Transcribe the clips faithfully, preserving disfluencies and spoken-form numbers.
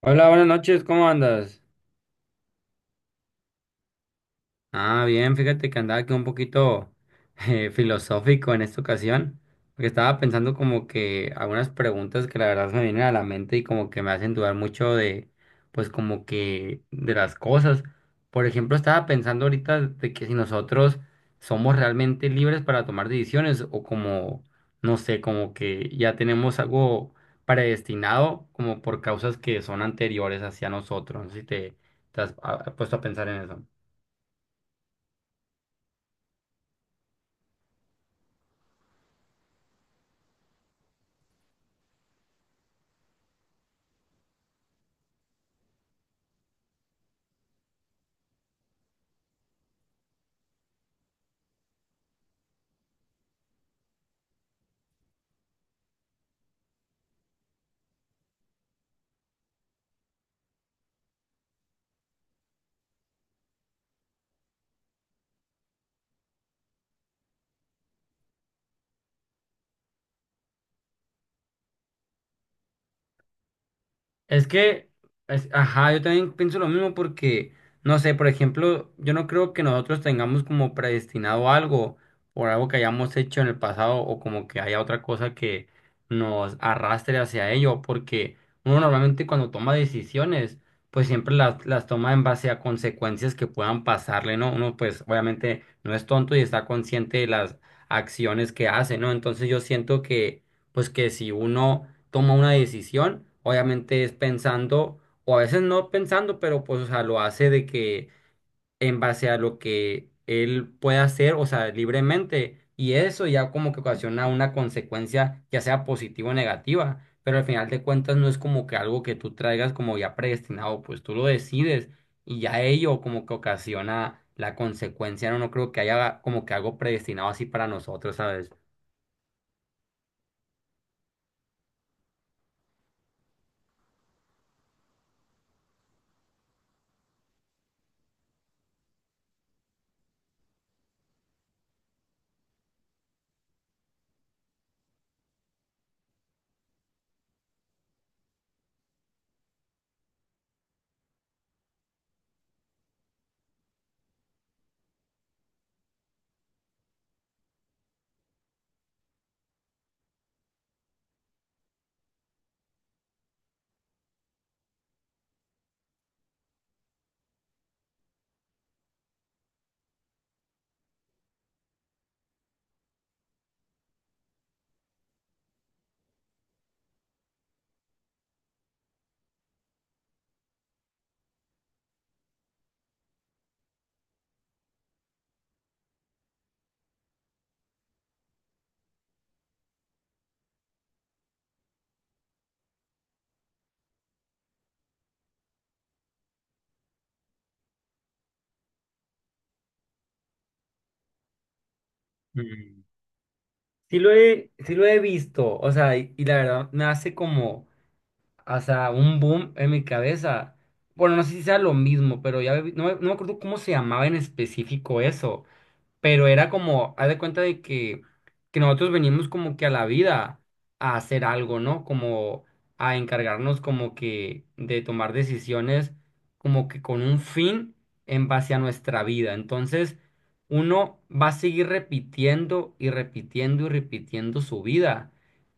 Hola, buenas noches, ¿cómo andas? Ah, bien, fíjate que andaba aquí un poquito eh, filosófico en esta ocasión, porque estaba pensando como que algunas preguntas que la verdad me vienen a la mente y como que me hacen dudar mucho de, pues como que de las cosas. Por ejemplo, estaba pensando ahorita de que si nosotros somos realmente libres para tomar decisiones o como, no sé, como que ya tenemos algo predestinado como por causas que son anteriores hacia nosotros. No sé si te, te has ah, puesto a pensar en eso. Es que, es- ajá, yo también pienso lo mismo porque, no sé, por ejemplo, yo no creo que nosotros tengamos como predestinado algo por algo que hayamos hecho en el pasado o como que haya otra cosa que nos arrastre hacia ello, porque uno normalmente cuando toma decisiones, pues siempre las, las toma en base a consecuencias que puedan pasarle, ¿no? Uno pues obviamente no es tonto y está consciente de las acciones que hace, ¿no? Entonces yo siento que, pues que si uno toma una decisión, obviamente es pensando, o a veces no pensando, pero pues, o sea, lo hace de que en base a lo que él puede hacer, o sea, libremente, y eso ya como que ocasiona una consecuencia, ya sea positiva o negativa, pero al final de cuentas no es como que algo que tú traigas como ya predestinado, pues tú lo decides, y ya ello como que ocasiona la consecuencia, no, no creo que haya como que algo predestinado así para nosotros, ¿sabes? Mm. Sí lo he, sí lo he visto, o sea, y, y la verdad me hace como, o sea, un boom en mi cabeza. Bueno, no sé si sea lo mismo, pero ya vi- no, me- no me acuerdo cómo se llamaba en específico eso, pero era como, haz de cuenta de que, que nosotros venimos como que a la vida a hacer algo, ¿no? Como a encargarnos como que de tomar decisiones como que con un fin en base a nuestra vida. Entonces, uno va a seguir repitiendo y repitiendo y repitiendo su vida,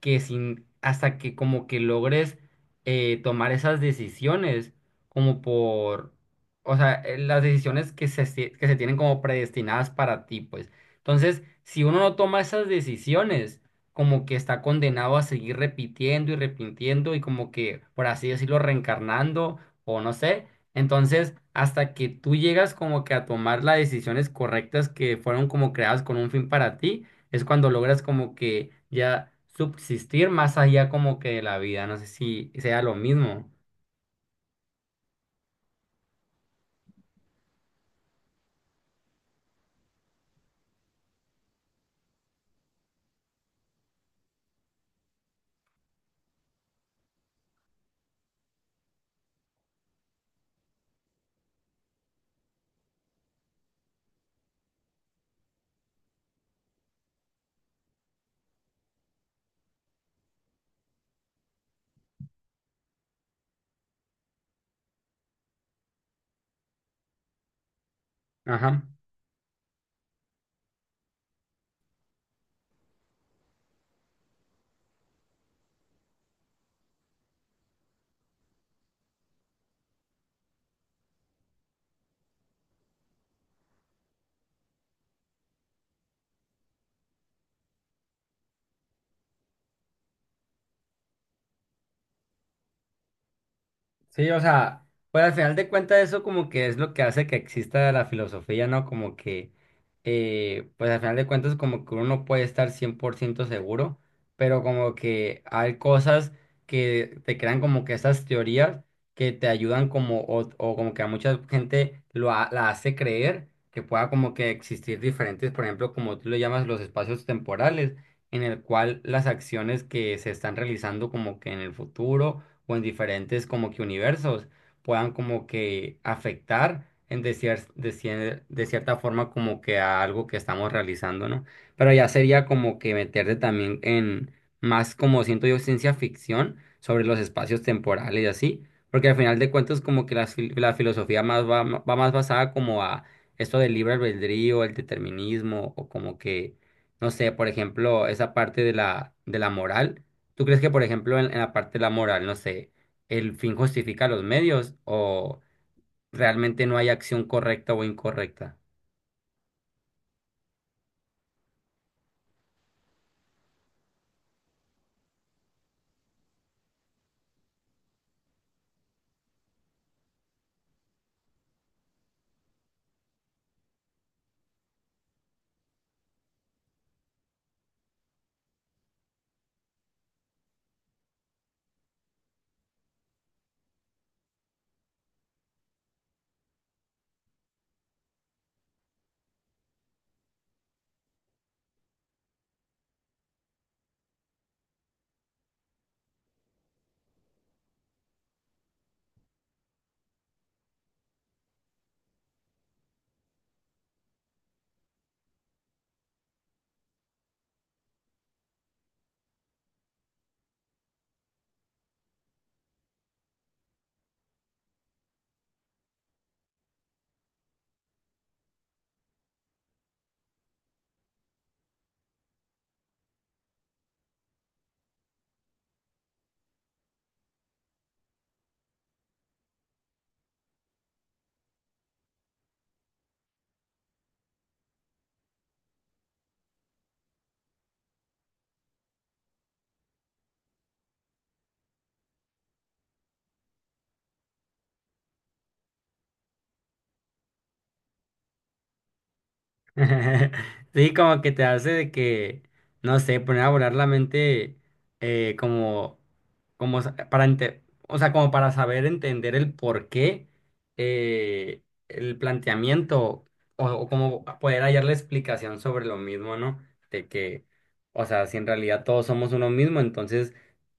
que sin, hasta que como que logres eh, tomar esas decisiones como por o sea, eh, las decisiones que se, esti- que se tienen como predestinadas para ti, pues. Entonces, si uno no toma esas decisiones, como que está condenado a seguir repitiendo y repitiendo y como que, por así decirlo, reencarnando o no sé. Entonces, hasta que tú llegas como que a tomar las decisiones correctas que fueron como creadas con un fin para ti, es cuando logras como que ya subsistir más allá como que de la vida. No sé si sea lo mismo. Ajá. Sí, o sea, pues al final de cuentas eso como que es lo que hace que exista la filosofía, ¿no? Como que, eh, pues al final de cuentas como que uno no puede estar cien por ciento seguro, pero como que hay cosas que te crean como que estas teorías que te ayudan como, o, o como que a mucha gente lo ha- la hace creer que pueda como que existir diferentes, por ejemplo, como tú lo llamas, los espacios temporales, en el cual las acciones que se están realizando como que en el futuro o en diferentes como que universos puedan como que afectar en de, cier- de, cier- de cierta forma como que a algo que estamos realizando, ¿no? Pero ya sería como que meterte también en más como siento yo ciencia ficción sobre los espacios temporales y así, porque al final de cuentas como que la, fil- la filosofía más va, va más basada como a esto del libre albedrío, el determinismo o como que, no sé, por ejemplo, esa parte de la, de la moral. ¿Tú crees que, por ejemplo, en, en la parte de la moral, no sé, el fin justifica los medios o realmente no hay acción correcta o incorrecta? Sí, como que te hace de que, no sé, poner a volar la mente eh, como, como sa- para ente- o sea, como para saber entender el por qué eh, el planteamiento o, o como poder hallar la explicación sobre lo mismo, ¿no? De que, o sea, si en realidad todos somos uno mismo, entonces,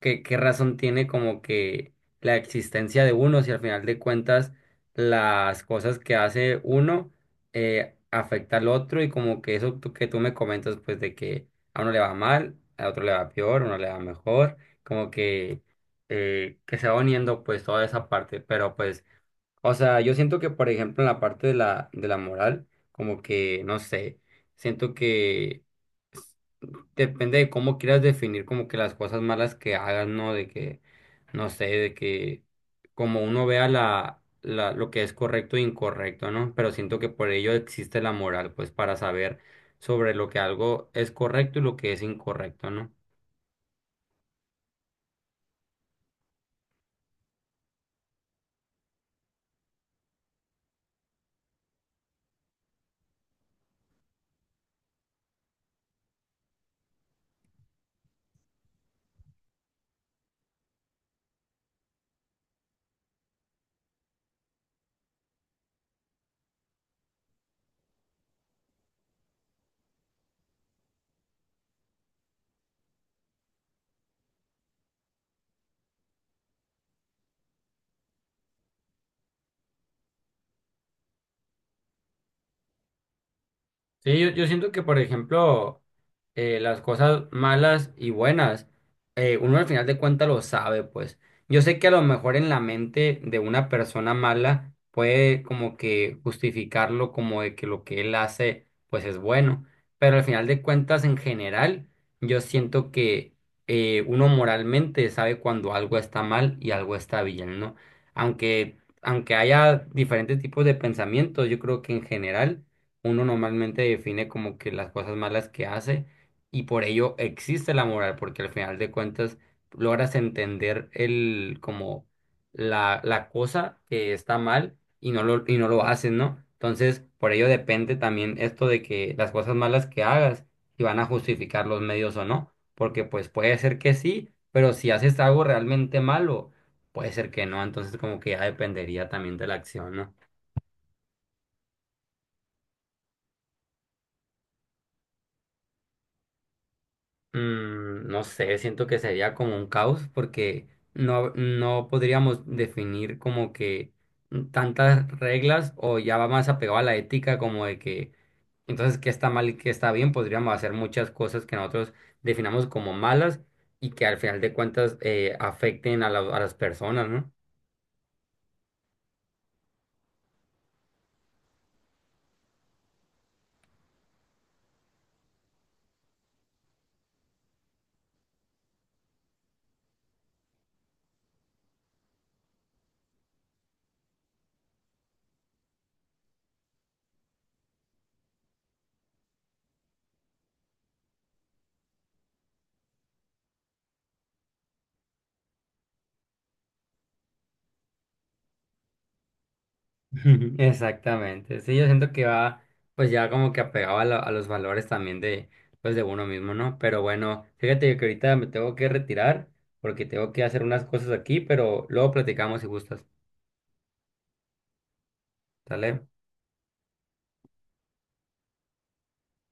¿qué, qué razón tiene como que la existencia de uno si al final de cuentas las cosas que hace uno eh, afecta al otro y como que eso tú- que tú me comentas, pues de que a uno le va mal, a otro le va peor, a uno le va mejor, como que, eh, que se va uniendo pues toda esa parte, pero pues, o sea, yo siento que por ejemplo en la parte de la, de la moral, como que, no sé, siento que depende de cómo quieras definir como que las cosas malas que hagas, ¿no? De que, no sé, de que como uno vea la, la, lo que es correcto e incorrecto, ¿no? Pero siento que por ello existe la moral, pues para saber sobre lo que algo es correcto y lo que es incorrecto, ¿no? Sí, yo, yo siento que, por ejemplo, eh, las cosas malas y buenas, eh, uno al final de cuentas lo sabe, pues. Yo sé que a lo mejor en la mente de una persona mala puede como que justificarlo como de que lo que él hace, pues es bueno. Pero al final de cuentas, en general, yo siento que eh, uno moralmente sabe cuando algo está mal y algo está bien, ¿no? Aunque, aunque haya diferentes tipos de pensamientos, yo creo que en general uno normalmente define como que las cosas malas que hace y por ello existe la moral, porque al final de cuentas logras entender el como la, la cosa que está mal y no lo, y no lo haces, ¿no? Entonces, por ello depende también esto de que las cosas malas que hagas, si van a justificar los medios o no, porque pues puede ser que sí, pero si haces algo realmente malo, puede ser que no, entonces como que ya dependería también de la acción, ¿no? Mm, no sé, siento que sería como un caos porque no, no podríamos definir como que tantas reglas o ya va más apegado a la ética como de que entonces qué está mal y qué está bien, podríamos hacer muchas cosas que nosotros definamos como malas y que al final de cuentas eh, afecten a, la- a las personas, ¿no? Exactamente. Sí, yo siento que va, pues ya como que apegado a, la- a los valores también de, pues de uno mismo, ¿no? Pero bueno, fíjate que ahorita me tengo que retirar porque tengo que hacer unas cosas aquí, pero luego platicamos si gustas. ¿Sale?